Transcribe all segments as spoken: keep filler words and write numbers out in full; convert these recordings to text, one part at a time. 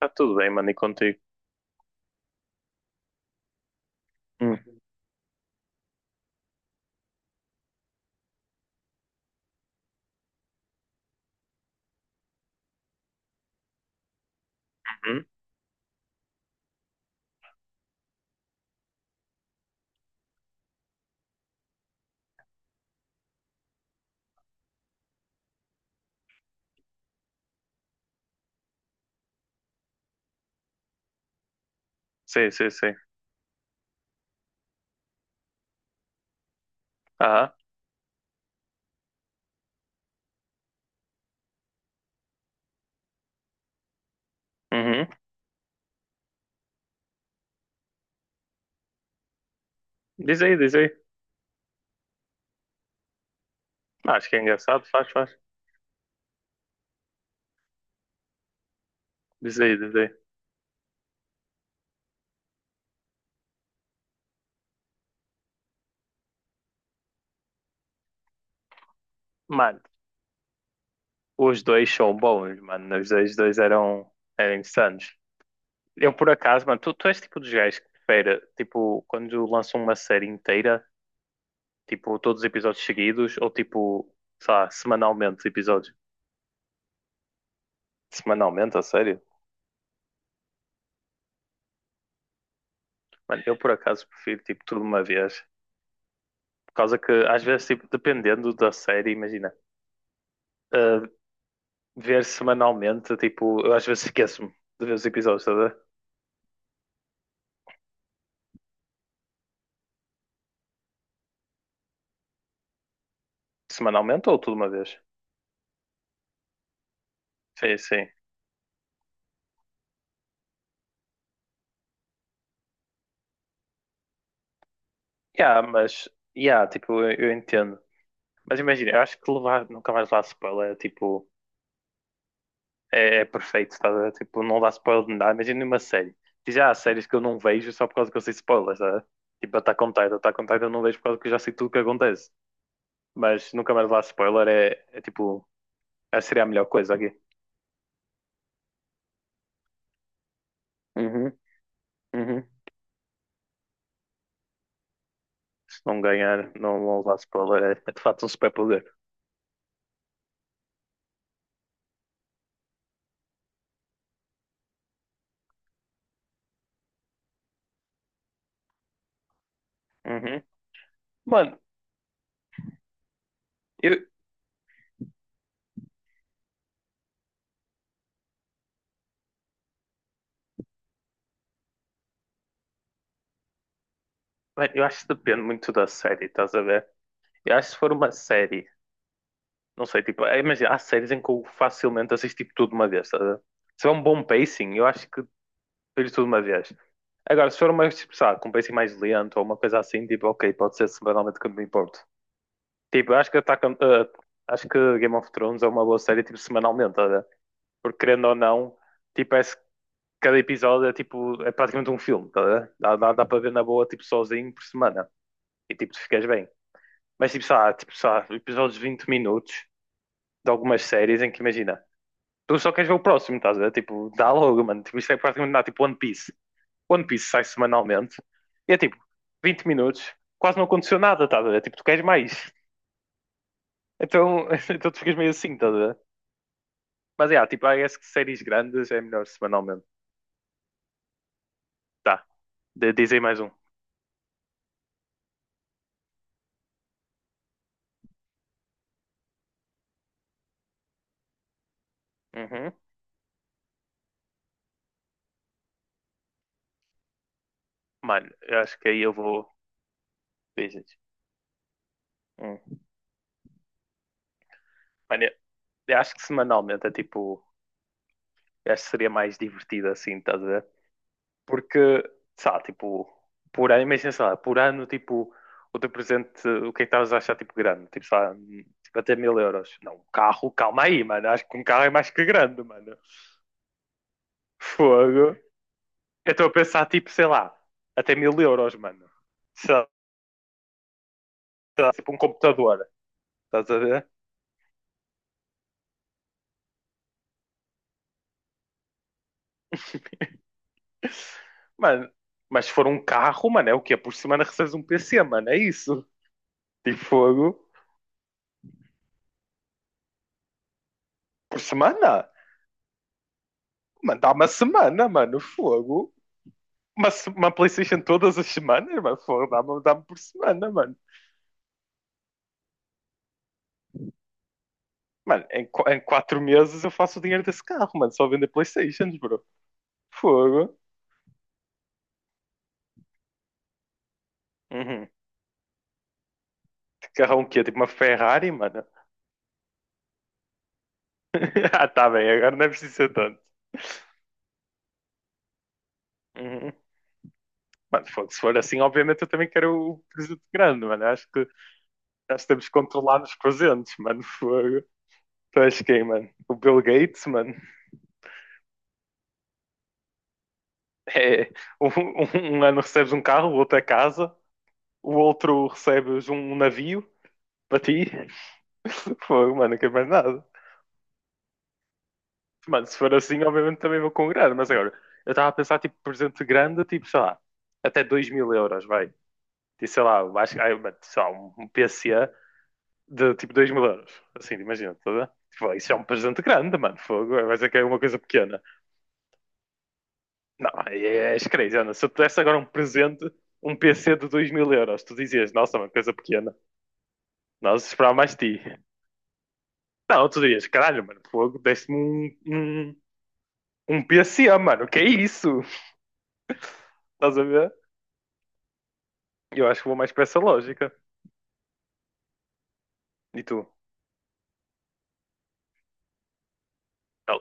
Está tudo bem, mano, e contigo? Hum. Uhum. Sim, sim, sim. Aham. Uhum. Diz aí, diz aí. Ah, acho que é engraçado, faz, faz. Diz aí, diz aí. Mano, os dois são bons, mano. Os dois, dois eram, eram insanos. Eu, por acaso, mano, tu, tu és tipo dos gajos que prefere, tipo, quando lançam uma série inteira, tipo, todos os episódios seguidos, ou tipo, sei lá, semanalmente os episódios. Semanalmente, a sério? Mano, eu, por acaso, prefiro, tipo, tudo de uma vez. Por causa que, às vezes, tipo, dependendo da série, imagina. ah, ver semanalmente, tipo, eu às vezes esqueço-me de ver os episódios, estás a ver? Semanalmente ou tudo uma vez? Sim, sim. Yeah, mas, yeah, tipo, eu, eu entendo. Mas imagina, eu acho que levar, nunca mais levar spoiler é tipo, é, é perfeito, estás a ver? Tipo, não dá spoiler de nada. Imagina uma série. Diz, ah, há séries que eu não vejo só por causa que eu sei spoilers, estás a ver? Tipo, Attack on Titan, Attack on Titan eu não vejo por causa que eu já sei tudo o que acontece. Mas nunca mais levar spoiler é, é tipo, essa seria a melhor coisa aqui. Uhum, uhum. Se não ganhar, não, não usar spoiler, é, é de facto um superpoder. Uhum. Mano, eu, mano, eu acho que depende muito da série, estás a ver? Eu acho que se for uma série, não sei, tipo, é, imagina, há séries em que eu facilmente assisto tipo, tudo de uma vez, estás a ver? Se for um bom pacing, eu acho que vejo tudo de uma vez. Agora, se for uma, tipo, sabe, com um pacing mais lento ou uma coisa assim, tipo, ok, pode ser semanalmente que eu me importo. Tipo, eu acho que Attack on- eh, acho que Game of Thrones é uma boa série, tipo, semanalmente, estás a ver? Porque querendo ou não, tipo, é, cada episódio é tipo, é praticamente um filme, tá? a ver? dá, dá, dá para ver na boa, tipo, sozinho por semana, e tipo, tu ficas bem. Mas tipo, sabe, tipo, sabe, episódios de vinte minutos de algumas séries em que imagina, tu só queres ver o próximo, estás a ver? Tipo, dá logo, mano, tipo, isto é praticamente nada, tipo One Piece. One Piece sai semanalmente, e é tipo, vinte minutos, quase não aconteceu nada, estás a ver? Tipo, tu queres mais. Então, então tu ficas meio assim, estás a ver? Mas é, tipo, I guess que séries grandes é melhor semanalmente. Tá, de dizem mais um. Uhum. Mano, eu acho que aí eu vou. Beijos. Hum. Mano, eu, eu acho que semanalmente é tipo. Eu Acho que seria mais divertido assim, estás a ver? Porque, sabe, tipo, por ano, imagina, sei lá, por ano, tipo, o teu presente, o que é que estavas a achar, tipo, grande? Tipo, sei lá, hum, tipo, até mil euros. Não, um carro, calma aí, mano. Acho que um carro é mais que grande, mano. Fogo. Eu estou a pensar, tipo, sei lá, até mil euros, mano. Sei lá, sei lá, tipo, um computador, estás a ver? Mano, mas se for um carro, mano, é o quê? Por semana recebes um P C, mano, é isso. Tipo, fogo. Por semana? Mano, dá uma semana, mano, fogo. Uma, se- uma PlayStation todas as semanas, mano, fogo, dá-me dá-me por semana, mano. Mano, em, qu- em quatro meses eu faço o dinheiro desse carro, mano, só vender PlayStations, bro. Fogo. Uhum. Carrão o quê? Tipo uma Ferrari, mano? Ah, tá bem, agora não é preciso ser tanto. Uhum. Mano, fogo, se for assim, obviamente eu também quero o presente grande, mano. Acho que Já estamos controlados com os entes, mano. Fogo. Tu és quem, mano? O Bill Gates, mano. É, um, um um ano recebes um carro, o outro é casa, o outro recebes um navio para ti. Fogo, mano, não quero mais nada. Mano, se for assim, obviamente também vou com mas agora, eu estava a pensar, tipo, presente grande, tipo, sei lá, até dois mil euros, vai. E sei lá, acho que, ai, mano, sei lá, um P C A de tipo dois mil euros. Assim, imagina, toda. Tipo, isso é um presente grande, mano, fogo, vai ser que é uma coisa pequena. Não, é, és crazy, Se eu te desse agora um presente, um P C de dois mil euros, tu dizias, nossa, uma coisa pequena. Nós esperávamos mais de ti. Não, tu dirias, caralho, mano, fogo, deste-me um, um, um P S A, mano, que é isso? Estás a ver? Eu acho que vou mais para essa lógica. E tu? Não.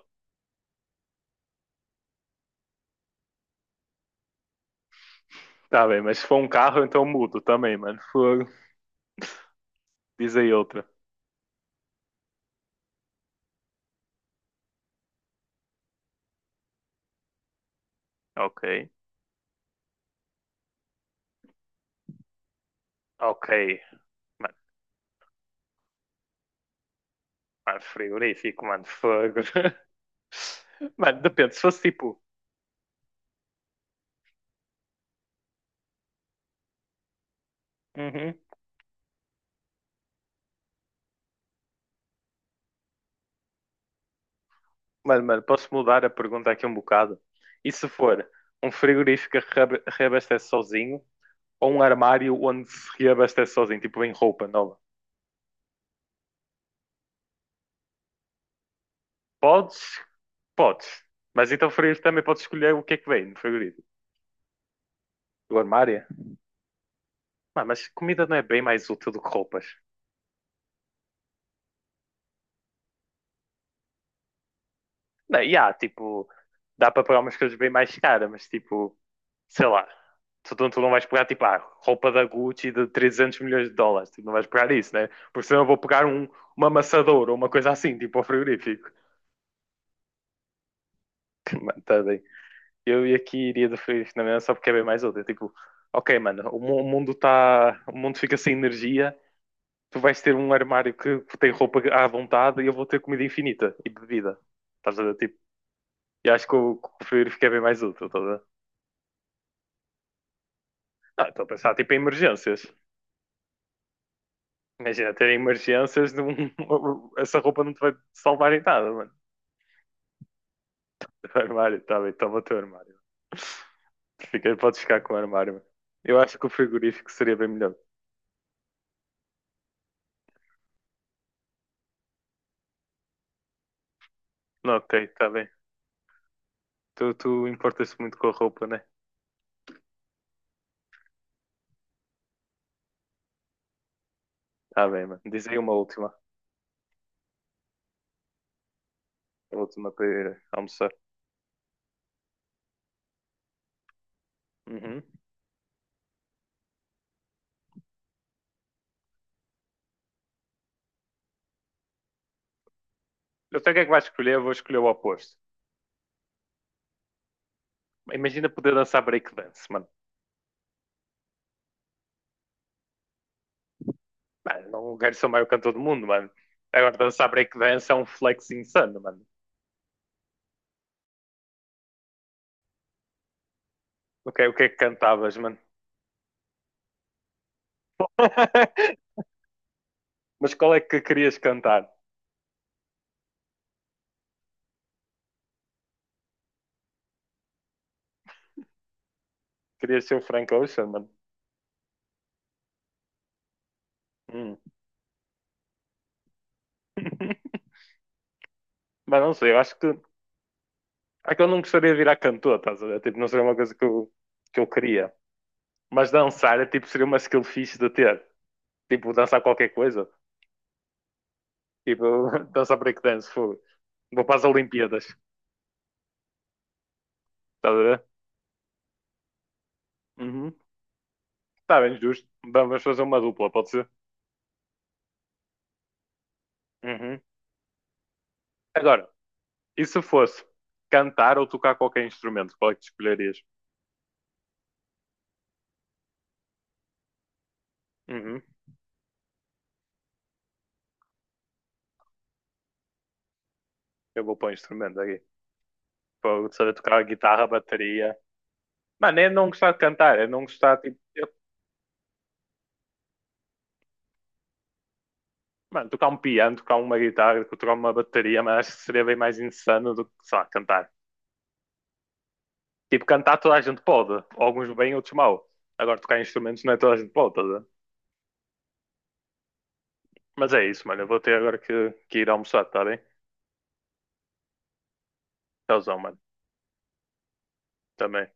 Tá bem, mas se for um carro, então mudo também, mano, fogo. Diz aí outra. Ok, ok. Mano, mano frigorífico, mano, fogo. Mano, depende, se fosse tipo. Uhum. Mano, mano, posso mudar a pergunta aqui um bocado? E se for um frigorífico que reabe- reabastece sozinho ou um armário onde se reabastece sozinho, tipo vem roupa nova? Podes? Podes. Mas então o frigorífico também pode escolher o que é que vem no frigorífico. O armário? Mano, mas comida não é bem mais útil do que roupas. Não, e há, tipo, dá para pagar umas coisas bem mais caras, mas tipo, sei lá, tu, tu tu não vais pegar tipo, ah, roupa da Gucci de trezentos milhões de dólares, tipo, não vais pegar isso, né? Porque senão eu vou pegar um, uma amassadora ou uma coisa assim, tipo, ao frigorífico. Mano, tá bem. Eu e aqui iria do frigorífico na mesma só porque é bem mais útil, tipo, ok, mano, o, mu- o mundo tá, o mundo fica sem energia, tu vais ter um armário que tem roupa à vontade e eu vou ter comida infinita e bebida, estás a ver? Tipo, e acho que o, que o frigorífico é bem mais útil, estás Ah, estou a pensar tipo em emergências. Imagina ter emergências, num... essa roupa não te vai salvar em nada, mano. O armário, está bem, toma o teu armário. Fica, podes ficar com o armário. mano. Eu acho que o frigorífico seria bem melhor. Não, ok, está bem. Tu, tu importas-te muito com a roupa, né? Está bem, mano. Diz aí uma última. A última para ir almoçar. Uhum. Eu sei o que é que vais escolher, eu vou escolher o oposto. Imagina poder dançar breakdance, mano. Mano, não quero ser o maior cantor do mundo, mano. Agora dançar breakdance é um flex insano, mano. O que, é- o que é que cantavas, mano? Mas qual é que querias cantar? Querias ser o Frank Ocean, mano? Hum. Mas não sei, eu acho que. É que eu não gostaria de virar cantor, estás a ver? Tipo, não seria uma coisa que eu, que eu queria. Mas dançar, é, tipo, seria uma skill fixe de ter. Tipo, dançar qualquer coisa. Tipo, dançar breakdance, fogo. Vou para as Olimpíadas, estás a ver? Uhum. Está bem, justo. Vamos fazer uma dupla, pode ser? Uhum. Agora, e se fosse cantar ou tocar qualquer instrumento, qual é que tu escolherias? Uhum. Eu vou pôr um instrumento aqui. Vou saber tocar guitarra, bateria. Mano, é não gostar de cantar, é não gostar, tipo, eu- mano, tocar um piano, tocar uma guitarra, tipo, tocar uma bateria, mas acho que seria bem mais insano do que, sei lá, cantar. Tipo, cantar toda a gente pode, alguns bem, outros mal. Agora, tocar instrumentos não é toda a gente pode, tá? a ver? Mas é isso, mano, eu vou ter agora que, que ir almoçar, tá bem? Tchauzão, mano, também.